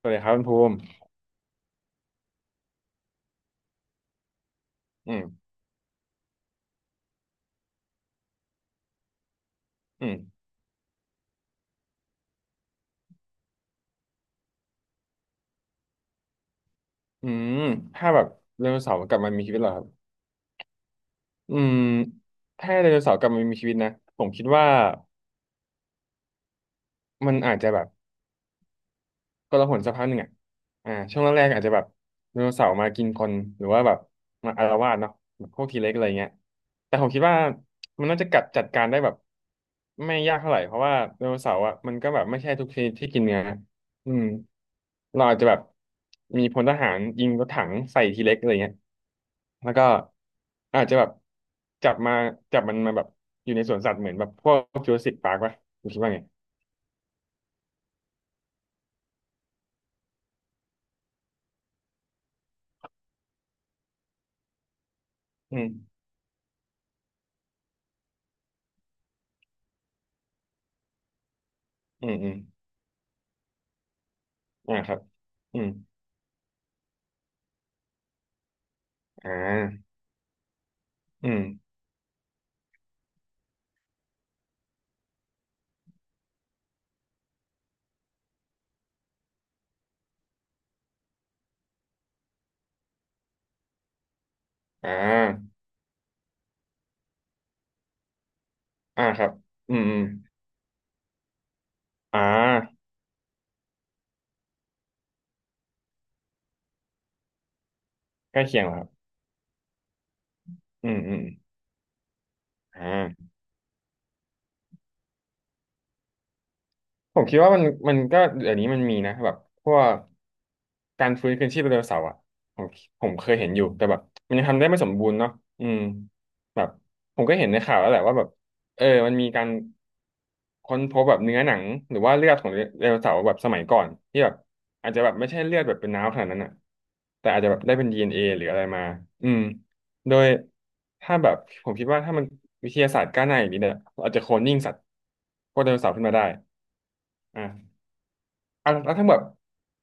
สวัสดีครับคุณภูมิอืมอืมอืมถ้าแบบไดโนเสาร์กลับมามีชีวิตเหรอครับอืมถ้าไดโนเสาร์กลับมามีชีวิตนะผมคิดว่ามันอาจจะแบบ กละหนสักพักหนึ่งอ่ะช่วงแรกๆอาจจะแบบไดโนเสาร์มากินคนหรือว่าแบบมาอาละวาดเนาะแบบพวกทีเล็กอะไรเงี้ยแต่ผมคิดว่ามันน่าจะกัดจัดการได้แบบไม่ยากเท่าไหร่เพราะว่าไดโนเสาร์อ่ะมันก็แบบไม่ใช่ทุกชนิดที่กินเนื้ออืมเราอาจจะแบบมีพลทหารยิงรถถังใส่ทีเล็กอะไรเงี้ยแล้วก็อาจจะแบบจับมาจับมันมาแบบอยู่ในสวนสัตว์เหมือนแบบพวกจูราสสิคปาร์คป่ะคุณคิดว่าไงอืมอืมอืมอ่าครับอืม อ่าอืม อ่าอ่าครับอืมอืมอ่าใกล้เคียงเหรอครับอืมอืมอ่าผมคิดว่ามันก็เดี๋ยวนี้มันมีนะแบบพวกการฟื้นคืนชีพไดโนเสาร์อ่ะผมผมเคยเห็นอยู่ แต่แบบมันยังทำได้ไม่สมบูรณ์เนาะอืมแบบผมก็เห็นในข่าวแล้วแหละว่าแบบเออมันมีการ ค้นพบแบบเนื้อหนังหรือว่าเลือดของไดโนเสาร์แบบสมัยก่อนที่แบบอาจจะแบบไม่ใช่เลือดแบบเป็นน้ำขนาดนั้นอ่ะแต่อาจจะแบบได้เป็น DNA หรืออะไรมาอืมโดยถ้าแบบผมคิดว่าถ้ามันวิทยาศาสตร์ก้าวหน้าอย่างนี้เนี่ยเราอาจจะโคลนนิ่งสัตว์พวกไดโนเสาร์ขึ้นมาได้อ่ะอ่ะแล้วถ้าแบบ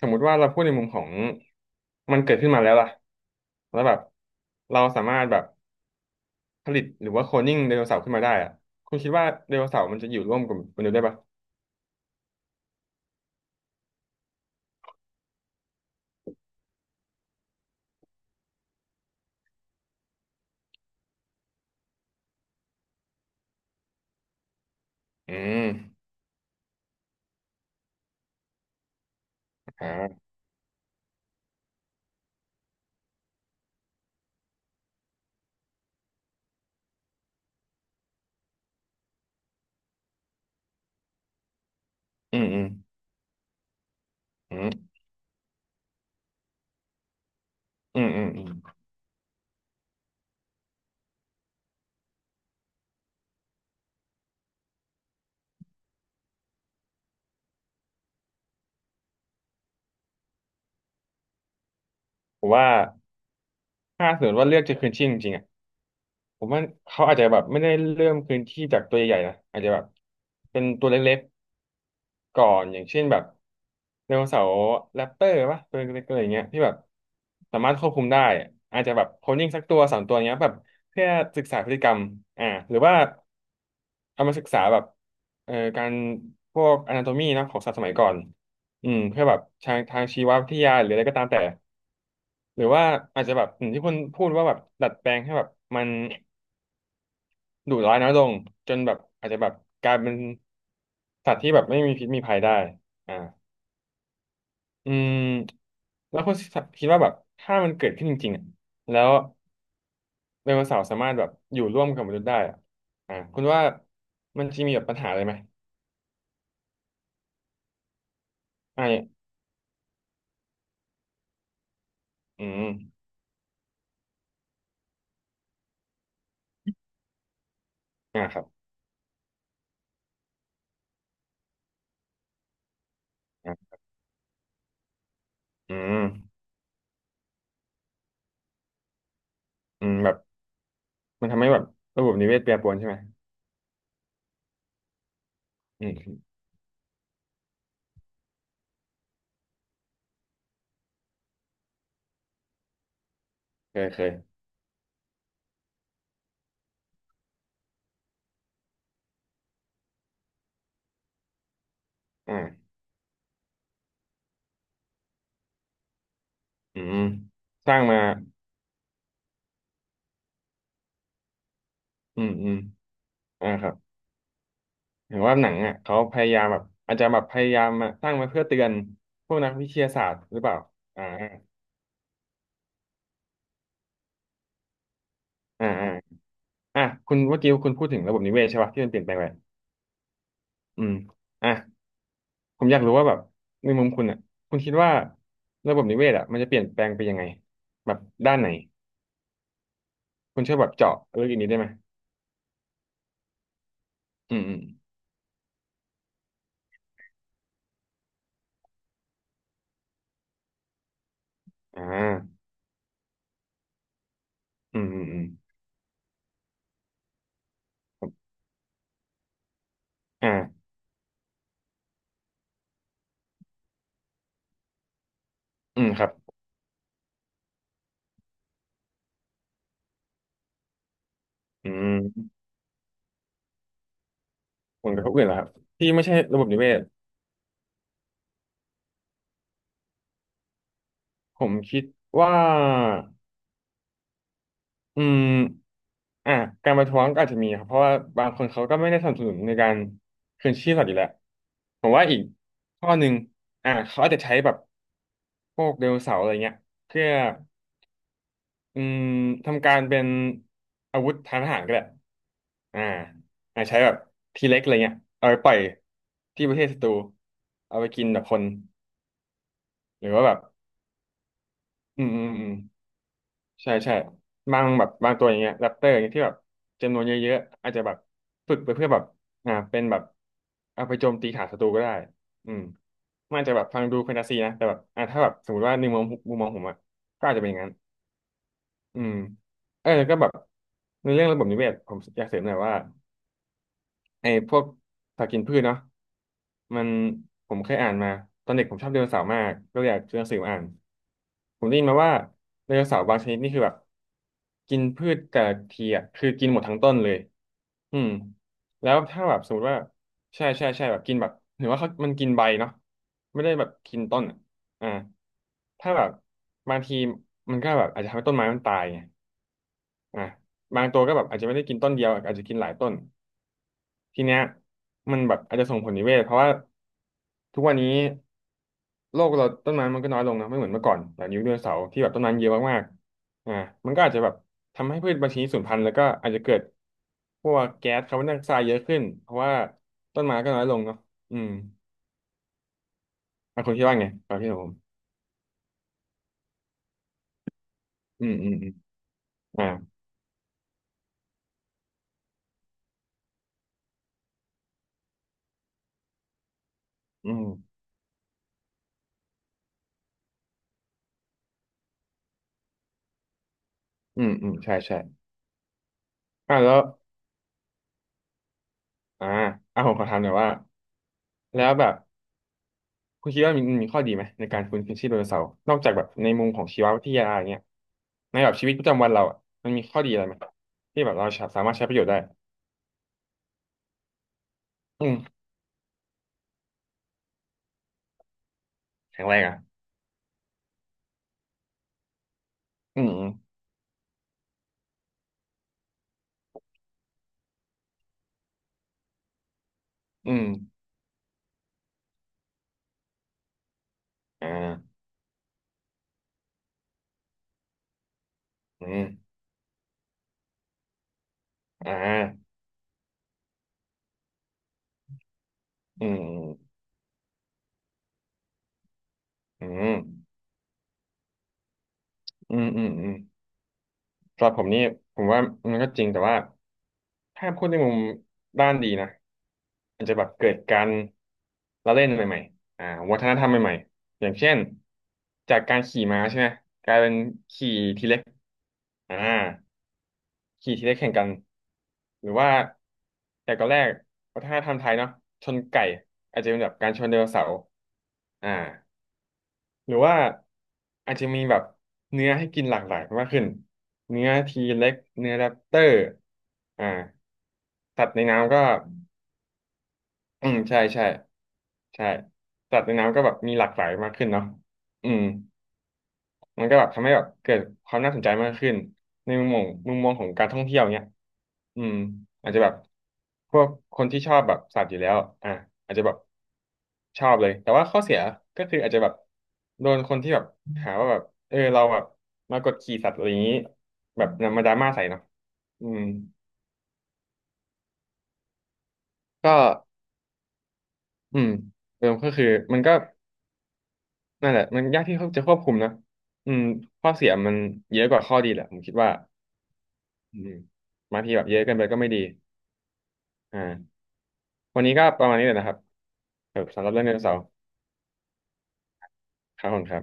สมมุติว่าเราพูดในมุมของมันเกิดขึ้นมาแล้วล่ะแล้วแบบเราสามารถแบบผลิตหรือว่าโคลนนิ่งไดโนเสาร์ขึ้นมาได้อ่ะคุณคิดว่าไดโนเสาร์มันจะอยู่ร่วมกับมนุษย์ได้ปะอืมอ่า อืมอืมอืมอืมอืมอืมผมว่าถ้าสมมติว่าเลือกจะคืนชีพจริงๆอ่ะผมว่าเขาอาจจะแบบไม่ได้เริ่มคืนชีพจากตัวใหญ่ๆนะอาจจะแบบเป็นตัวเล็กๆก่อนอย่างเช่นแบบไดโนเสาร์แรปเตอร์ป่ะตัวเล็กๆอะไรอย่างเงี้ยที่แบบสามารถควบคุมได้อาจจะแบบโคลนนิ่งสักตัวสามตัวเงี้ยแบบเพื่อศึกษาพฤติกรรมอ่าหรือว่าเอามาศึกษาแบบการพวกอนาโตมีนะของสัตว์สมัยก่อนอืมเพื่อแบบทางชีววิทยาหรืออะไรก็ตามแต่ หรือว่าอาจจะแบบอย่างที่คุณพูดว่าแบบดัดแปลงให้แบบมันดุร้ายน้อยลงจนแบบอาจจะแบบกลายเป็นสัตว์ที่แบบไม่มีพิษมีภัยได้อ่าอืมแล้วคุณคิดว่าแบบถ้ามันเกิดขึ้นจริงๆอ่ะแล้วไดโนเสาร์สามารถแบบอยู่ร่วมกับมนุษย์ได้อ่ะอ่าคุณว่ามันจะมีแบบปัญหาอะไรไหมอ่าเนี่ยอืมอ่าครับอ่าอืมอืมแบบมันทำให้แบบระบบนิเวศแปรปรวนใช่ไหมอืมเคยเคยอ่าอืมสร้างมา อืมอืมอ่าครับเห็นว่าหนังอ่ะเขาพยายามแบบอาจจะแบบพยายามมาสร้างมาเพื่อเตือนพวกนักวิทยาศาสตร์หรือเปล่าอ่าอ่าอ่าอ่ะคุณเมื่อกี้คุณพูดถึงระบบนิเวศใช่ป่ะที่มันเปลี่ยนแปลงไปอืมอ่ะผมอยากรู้ว่าแบบในมุมคุณอ่ะคุณคิดว่าระบบนิเวศอ่ะมันจะเปลี่ยนแปลงไปยังไงแบบด้านไหนคุณช่วยแบบเจาะลึกอีกนิดได้ไหมอืมอืมอ่าอืมอืมอืมอ่าอืมครับอืมผลกระทบอื่นเหรอครับที่ไม่ใช่ระบบนิเวศผมคิดว่า อืมอ่ะการประท้วงก็อาจจะมีครับเพราะว่าบางคนเขาก็ไม่ได้สนับสนุนในการคืนชีพสัตว์อยู่แล้วผมว่าอีกข้อหนึ่งอ่ะเขาอาจจะใช้แบบพวกไดโนเสาร์อะไรเงี้ยเพื่ออืมทำการเป็นอาวุธทางทหารก็ได้อ่าอ่ะใช้แบบทีเล็กอะไรเงี้ยเอาไปปล่อยที่ประเทศศัตรูเอาไปกินแบบคนหรือว่าแบบอืมอืมอืม ใช่ใช่บางแบบบางตัวอย่างเงี้ยแรปเตอร์อย่างเงี้ยที่แบบจำนวนเยอะๆอาจจะแบบฝึกไปเพื่อแบบอ่าเป็นแบบเอาไปโจมตีฐานศัตรูก็ได้อืมมันอาจจะแบบฟังดูแฟนตาซีนะแต่แบบอ่าถ้าแบบสมมติว่าในมุมมองมุมมองผมอะก็อาจจะเป็นอย่างนั้นอืมเออแล้วก็แบบในเรื่องระบบนิเวศผมอยากเสริมหน่อยว่า ไอ้พวกผักกินพืชเนาะมันผมเคยอ่านมาตอนเด็กผมชอบไดโนเสาร์มากก็เลยอยากซื้อหนังสือมาอ่านผมได้ยินมาว่าไดโนเสาร์บางชนิดนี่คือแบบกินพืชแต่ละทีอ่ะคือกินหมดทั้งต้นเลยอืมแล้วถ้าแบบสมมติว่าใช่ใช่ใช่แบบกินแบบหรือว่าเขามันกินใบเนาะไม่ได้แบบกินต้นอะอ่าถ้าแบบบางทีมันก็แบบอาจจะทำให้ต้นไม้มันตายไงอ่าบางตัวก็แบบอาจจะไม่ได้กินต้นเดียวอาจจะกินหลายต้น ทีเนี้ยมันแบบอาจจะส่งผลนิเวศเพราะว่าทุกวันนี้โลกเราต้นไม้มันก็น้อยลงนะไม่เหมือนเมื่อก่อนแบบยุคไดโนเสาร์ที่แบบต้นไม้เยอะมากๆอ่ามันก็อาจจะแบบทำให้พืชบางชนิดสูญพันธุ์แล้วก็อาจจะเกิดพวกแก๊สคาร์บอนไดออกไซด์เยอะขึ้นเพราะว่าต้นไม้ก็น้อยลงเนาะอืมอ่ะคุณคิดว่าไงความคิดของผมอืมอืมอืมอ่าอืมอืมอืมใช่ใช่อ่ะแล้วอ่าอ่ะผมขอถามหน่อยว่าแล้วแบบ คุณคิดว่ามันมีข้อดีไหมในการฟื้นคืนชีพไดโนเสาร์นอกจากแบบในมุมของชีววิทยาอย่างเงี้ยในแบบชีวิตประจำวันเราอ่ะมันมีข้อดีอะไรไหมที่แบบเราสามารถใช้ประโยชน์ได้อืมแข็งแรงอ่ะอืมอืมอืมอ่าอืมอ่าอืมอืมอืมอืมอืมอืมสำหรับผมนี่ผมว่ามันก็จริงแต่ว่า ถ้าพูดในมุมด้านดีนะมันจะแบบเกิดการละเล่นใหม่ๆอ่าวัฒนธรรมใหม่ๆอย่างเช่นจากการขี่ม้าใช่ไหมกลายเป็นขี่ทีเล็กอ่าขี่ทีเล็กแข่งกันหรือว่าแต่ก่อนแรกวัฒนธรรมไทยเนาะชนไก่อาจจะเป็นแบบการชนไดโนเสาร์อ่า หรือว่าอาจจะมีแบบเนื้อให้กินหลากหลายมากขึ้นเนื้อทีเล็กเนื้อแรปเตอร์อ่าสัตว์ในน้ำก็อืมใช่ใช่ใช่สัตว์ในน้ำก็แบบมีหลากหลายมากขึ้นเนาะอืม มันก็แบบทำให้แบบเกิดความน่าสนใจมากขึ้นในมุมมองของการท่องเที่ยวเนี้ยอืมอาจจะแบบพวกคนที่ชอบแบบสัตว์อยู่แล้วอ่ะอาจจะแบบชอบเลยแต่ว่าข้อเสียก็คืออาจจะแบบโดนคนที่แบบหาว่าแบบเออเราแบบมากดขี่สัตว์อะไรอย่างนี้แบบนำมาดราม่าใส่เนาะอืมก็อืมเดิมก็คือมันก็นั่นแหละมันยากที่เขาจะควบคุมนะอืมข้อเสียมันเยอะกว่าข้อดีแหละผมคิดว่า อืมบางทีแบบเยอะเกินไปก็ไม่ดีอ่าวันนี้ก็ประมาณนี้เลยนะครับเออสำหรับเรื่องไดโนเสาร์ครับผมครับ